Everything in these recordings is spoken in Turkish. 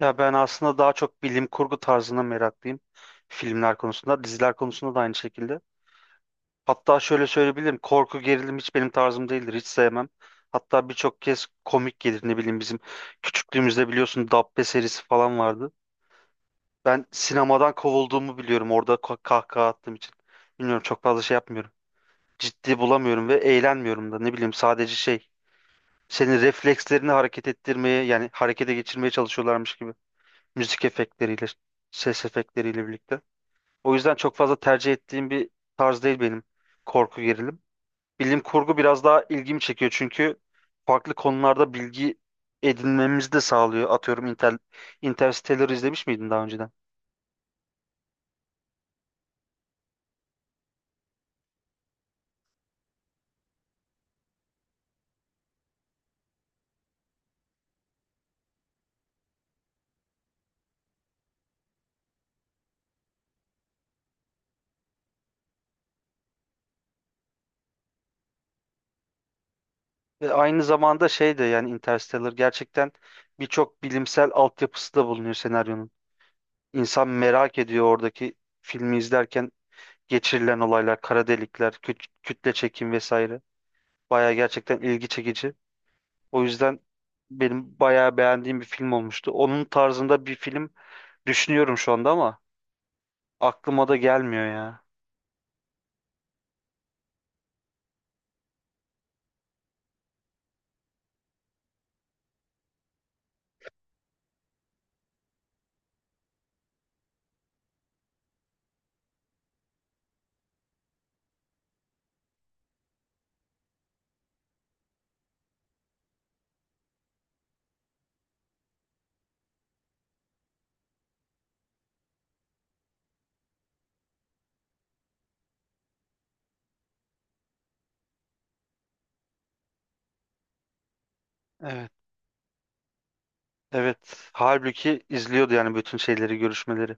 Ya ben aslında daha çok bilim kurgu tarzına meraklıyım. Filmler konusunda, diziler konusunda da aynı şekilde. Hatta şöyle söyleyebilirim, korku gerilim hiç benim tarzım değildir, hiç sevmem. Hatta birçok kez komik gelir, ne bileyim bizim küçüklüğümüzde biliyorsun Dabbe serisi falan vardı. Ben sinemadan kovulduğumu biliyorum orada kahkaha attığım için. Bilmiyorum çok fazla şey yapmıyorum. Ciddi bulamıyorum ve eğlenmiyorum da ne bileyim sadece şey. Senin reflekslerini hareket ettirmeye yani harekete geçirmeye çalışıyorlarmış gibi, müzik efektleriyle, ses efektleriyle birlikte. O yüzden çok fazla tercih ettiğim bir tarz değil benim korku gerilim. Bilim kurgu biraz daha ilgimi çekiyor çünkü farklı konularda bilgi edinmemizi de sağlıyor. Atıyorum Interstellar izlemiş miydin daha önceden? Ve aynı zamanda şey de yani Interstellar gerçekten birçok bilimsel altyapısı da bulunuyor senaryonun. İnsan merak ediyor oradaki filmi izlerken geçirilen olaylar, kara delikler, kütle çekim vesaire. Baya gerçekten ilgi çekici. O yüzden benim bayağı beğendiğim bir film olmuştu. Onun tarzında bir film düşünüyorum şu anda ama aklıma da gelmiyor ya. Evet, evet. Halbuki izliyordu yani bütün şeyleri, görüşmeleri.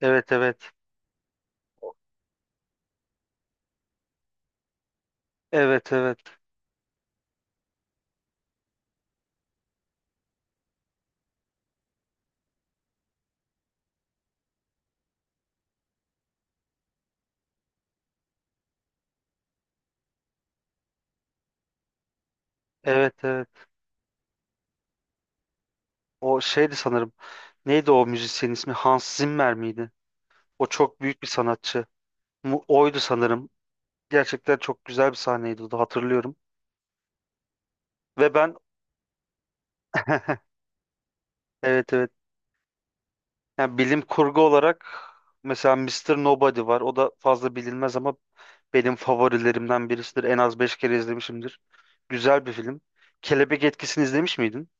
Evet, evet. Evet, evet. Evet, evet. O şeydi sanırım. Neydi o müzisyenin ismi? Hans Zimmer miydi? O çok büyük bir sanatçı. Oydu sanırım. Gerçekten çok güzel bir sahneydi o da hatırlıyorum. Ve ben evet, evet. Yani bilim kurgu olarak mesela Mister Nobody var. O da fazla bilinmez ama benim favorilerimden birisidir. En az 5 kere izlemişimdir. Güzel bir film. Kelebek Etkisi'ni izlemiş miydin?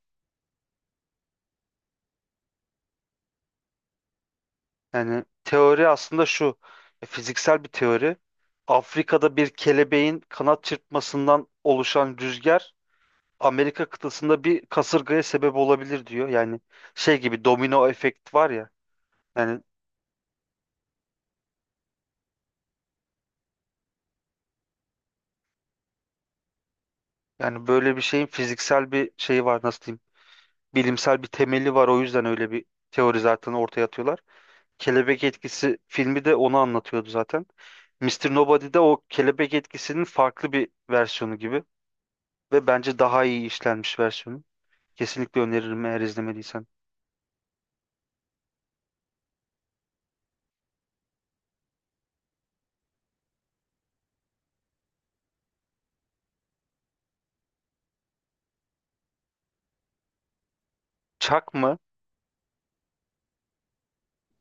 Yani teori aslında şu. Fiziksel bir teori. Afrika'da bir kelebeğin kanat çırpmasından oluşan rüzgar Amerika kıtasında bir kasırgaya sebep olabilir diyor. Yani şey gibi domino efekt var ya. Yani yani böyle bir şeyin fiziksel bir şeyi var, nasıl diyeyim? Bilimsel bir temeli var. O yüzden öyle bir teori zaten ortaya atıyorlar. Kelebek etkisi filmi de onu anlatıyordu zaten. Mr. Nobody'de o kelebek etkisinin farklı bir versiyonu gibi ve bence daha iyi işlenmiş versiyonu. Kesinlikle öneririm eğer izlemediysen. Chuck mı?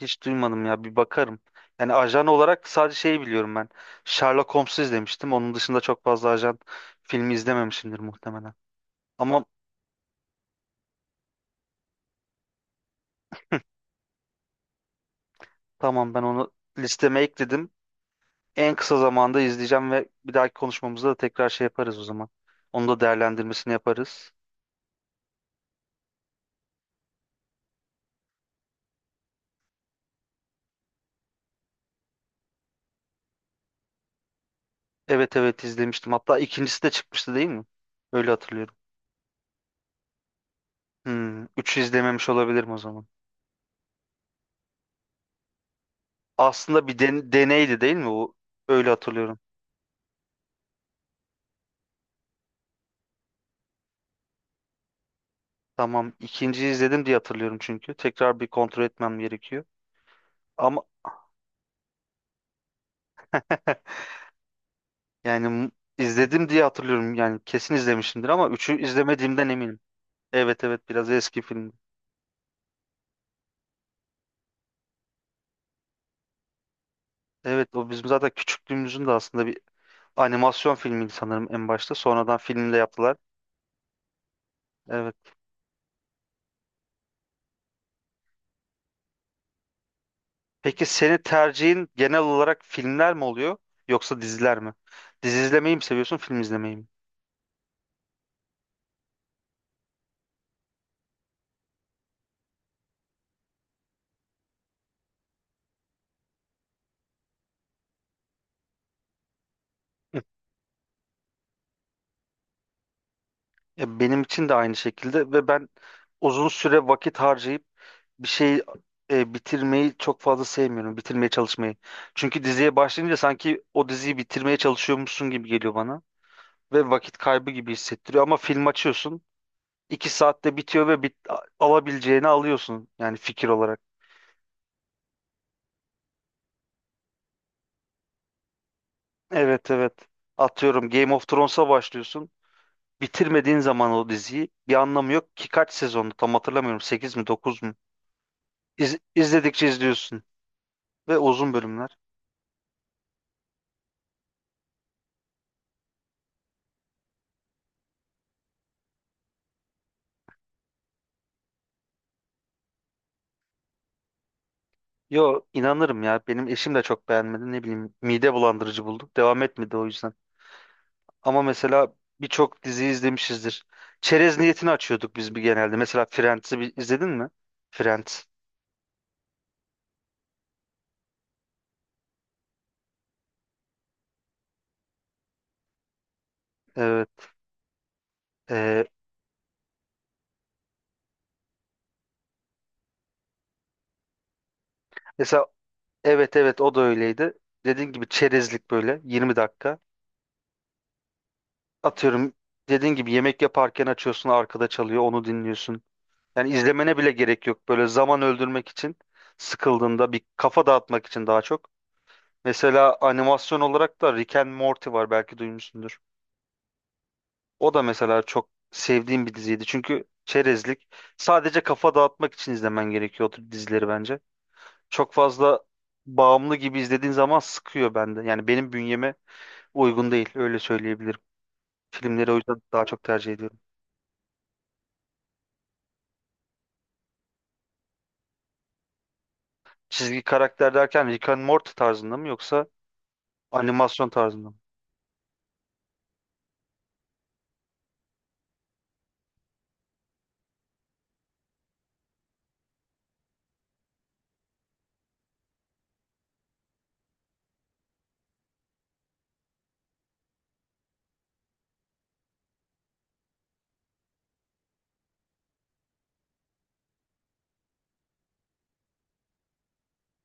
Hiç duymadım ya, bir bakarım. Yani ajan olarak sadece şeyi biliyorum ben. Sherlock Holmes'u izlemiştim. Onun dışında çok fazla ajan filmi izlememişimdir muhtemelen. Ama tamam, ben onu listeme ekledim. En kısa zamanda izleyeceğim ve bir dahaki konuşmamızda da tekrar şey yaparız o zaman. Onu da değerlendirmesini yaparız. Evet, evet, izlemiştim. Hatta ikincisi de çıkmıştı değil mi? Öyle hatırlıyorum. Hmm, üçü izlememiş olabilirim o zaman. Aslında bir deneydi değil mi bu? Öyle hatırlıyorum. Tamam, ikinciyi izledim diye hatırlıyorum çünkü. Tekrar bir kontrol etmem gerekiyor. Ama yani izledim diye hatırlıyorum. Yani kesin izlemişimdir ama üçü izlemediğimden eminim. Evet, evet, biraz eski film. Evet, o bizim zaten küçüklüğümüzün de aslında bir animasyon filmiydi sanırım en başta. Sonradan filmde yaptılar. Evet. Peki seni tercihin genel olarak filmler mi oluyor yoksa diziler mi? Dizi izlemeyi mi seviyorsun, film izlemeyi mi? Hı. Ya benim için de aynı şekilde ve ben uzun süre vakit harcayıp bir şeyi bitirmeyi çok fazla sevmiyorum. Bitirmeye çalışmayı. Çünkü diziye başlayınca sanki o diziyi bitirmeye çalışıyormuşsun gibi geliyor bana ve vakit kaybı gibi hissettiriyor. Ama film açıyorsun, 2 saatte bitiyor ve alabileceğini alıyorsun yani fikir olarak. Evet, evet. Atıyorum Game of Thrones'a başlıyorsun. Bitirmediğin zaman o diziyi bir anlamı yok ki, kaç sezondu tam hatırlamıyorum, 8 mi 9 mu? İz, izledikçe izliyorsun ve uzun bölümler. Yo, inanırım ya, benim eşim de çok beğenmedi, ne bileyim mide bulandırıcı bulduk, devam etmedi o yüzden. Ama mesela birçok dizi izlemişizdir. Çerez niyetini açıyorduk biz bir genelde. Mesela Friends'i bir, izledin mi? Friends. Evet. Ee, mesela evet, evet, o da öyleydi. Dediğin gibi çerezlik böyle 20 dakika. Atıyorum dediğin gibi yemek yaparken açıyorsun, arkada çalıyor, onu dinliyorsun. Yani izlemene bile gerek yok. Böyle zaman öldürmek için, sıkıldığında bir kafa dağıtmak için daha çok. Mesela animasyon olarak da Rick and Morty var, belki duymuşsundur. O da mesela çok sevdiğim bir diziydi. Çünkü çerezlik, sadece kafa dağıtmak için izlemen gerekiyor o tür dizileri bence. Çok fazla bağımlı gibi izlediğin zaman sıkıyor bende. Yani benim bünyeme uygun değil öyle söyleyebilirim. Filmleri o yüzden daha çok tercih ediyorum. Çizgi karakter derken Rick and Morty tarzında mı yoksa animasyon tarzında mı?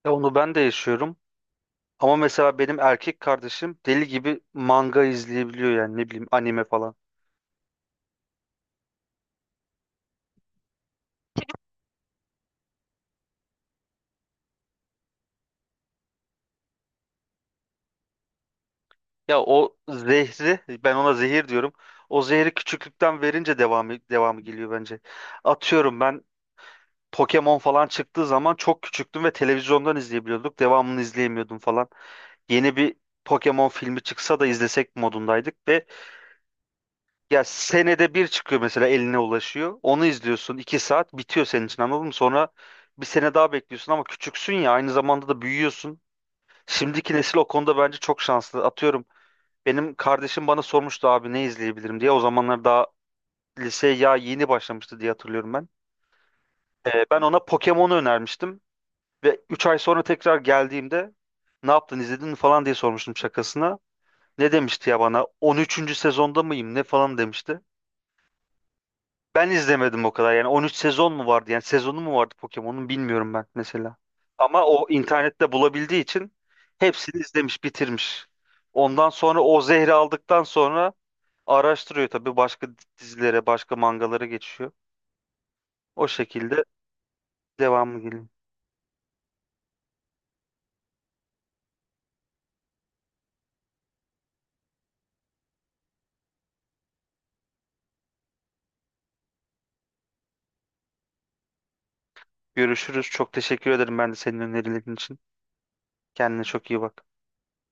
E, onu ben de yaşıyorum. Ama mesela benim erkek kardeşim deli gibi manga izleyebiliyor, yani ne bileyim anime falan. Ya o zehri, ben ona zehir diyorum. O zehri küçüklükten verince devamı geliyor bence. Atıyorum ben Pokemon falan çıktığı zaman çok küçüktüm ve televizyondan izleyebiliyorduk. Devamını izleyemiyordum falan. Yeni bir Pokemon filmi çıksa da izlesek modundaydık ve ya senede bir çıkıyor mesela, eline ulaşıyor. Onu izliyorsun. 2 saat bitiyor senin için, anladın mı? Sonra bir sene daha bekliyorsun ama küçüksün ya, aynı zamanda da büyüyorsun. Şimdiki nesil o konuda bence çok şanslı. Atıyorum benim kardeşim bana sormuştu, abi ne izleyebilirim diye. O zamanlar daha liseye ya yeni başlamıştı diye hatırlıyorum ben. Ben ona Pokemon'u önermiştim. Ve 3 ay sonra tekrar geldiğimde ne yaptın, izledin mi falan diye sormuştum şakasına. Ne demişti ya bana, 13'üncü sezonda mıyım ne falan demişti. Ben izlemedim o kadar. Yani 13 sezon mu vardı? Yani sezonu mu vardı Pokemon'un, bilmiyorum ben mesela. Ama o internette bulabildiği için hepsini izlemiş, bitirmiş. Ondan sonra o zehri aldıktan sonra araştırıyor tabii, başka dizilere, başka mangalara geçiyor. O şekilde devamı geliyor. Görüşürüz. Çok teşekkür ederim ben de senin önerilerin için. Kendine çok iyi bak.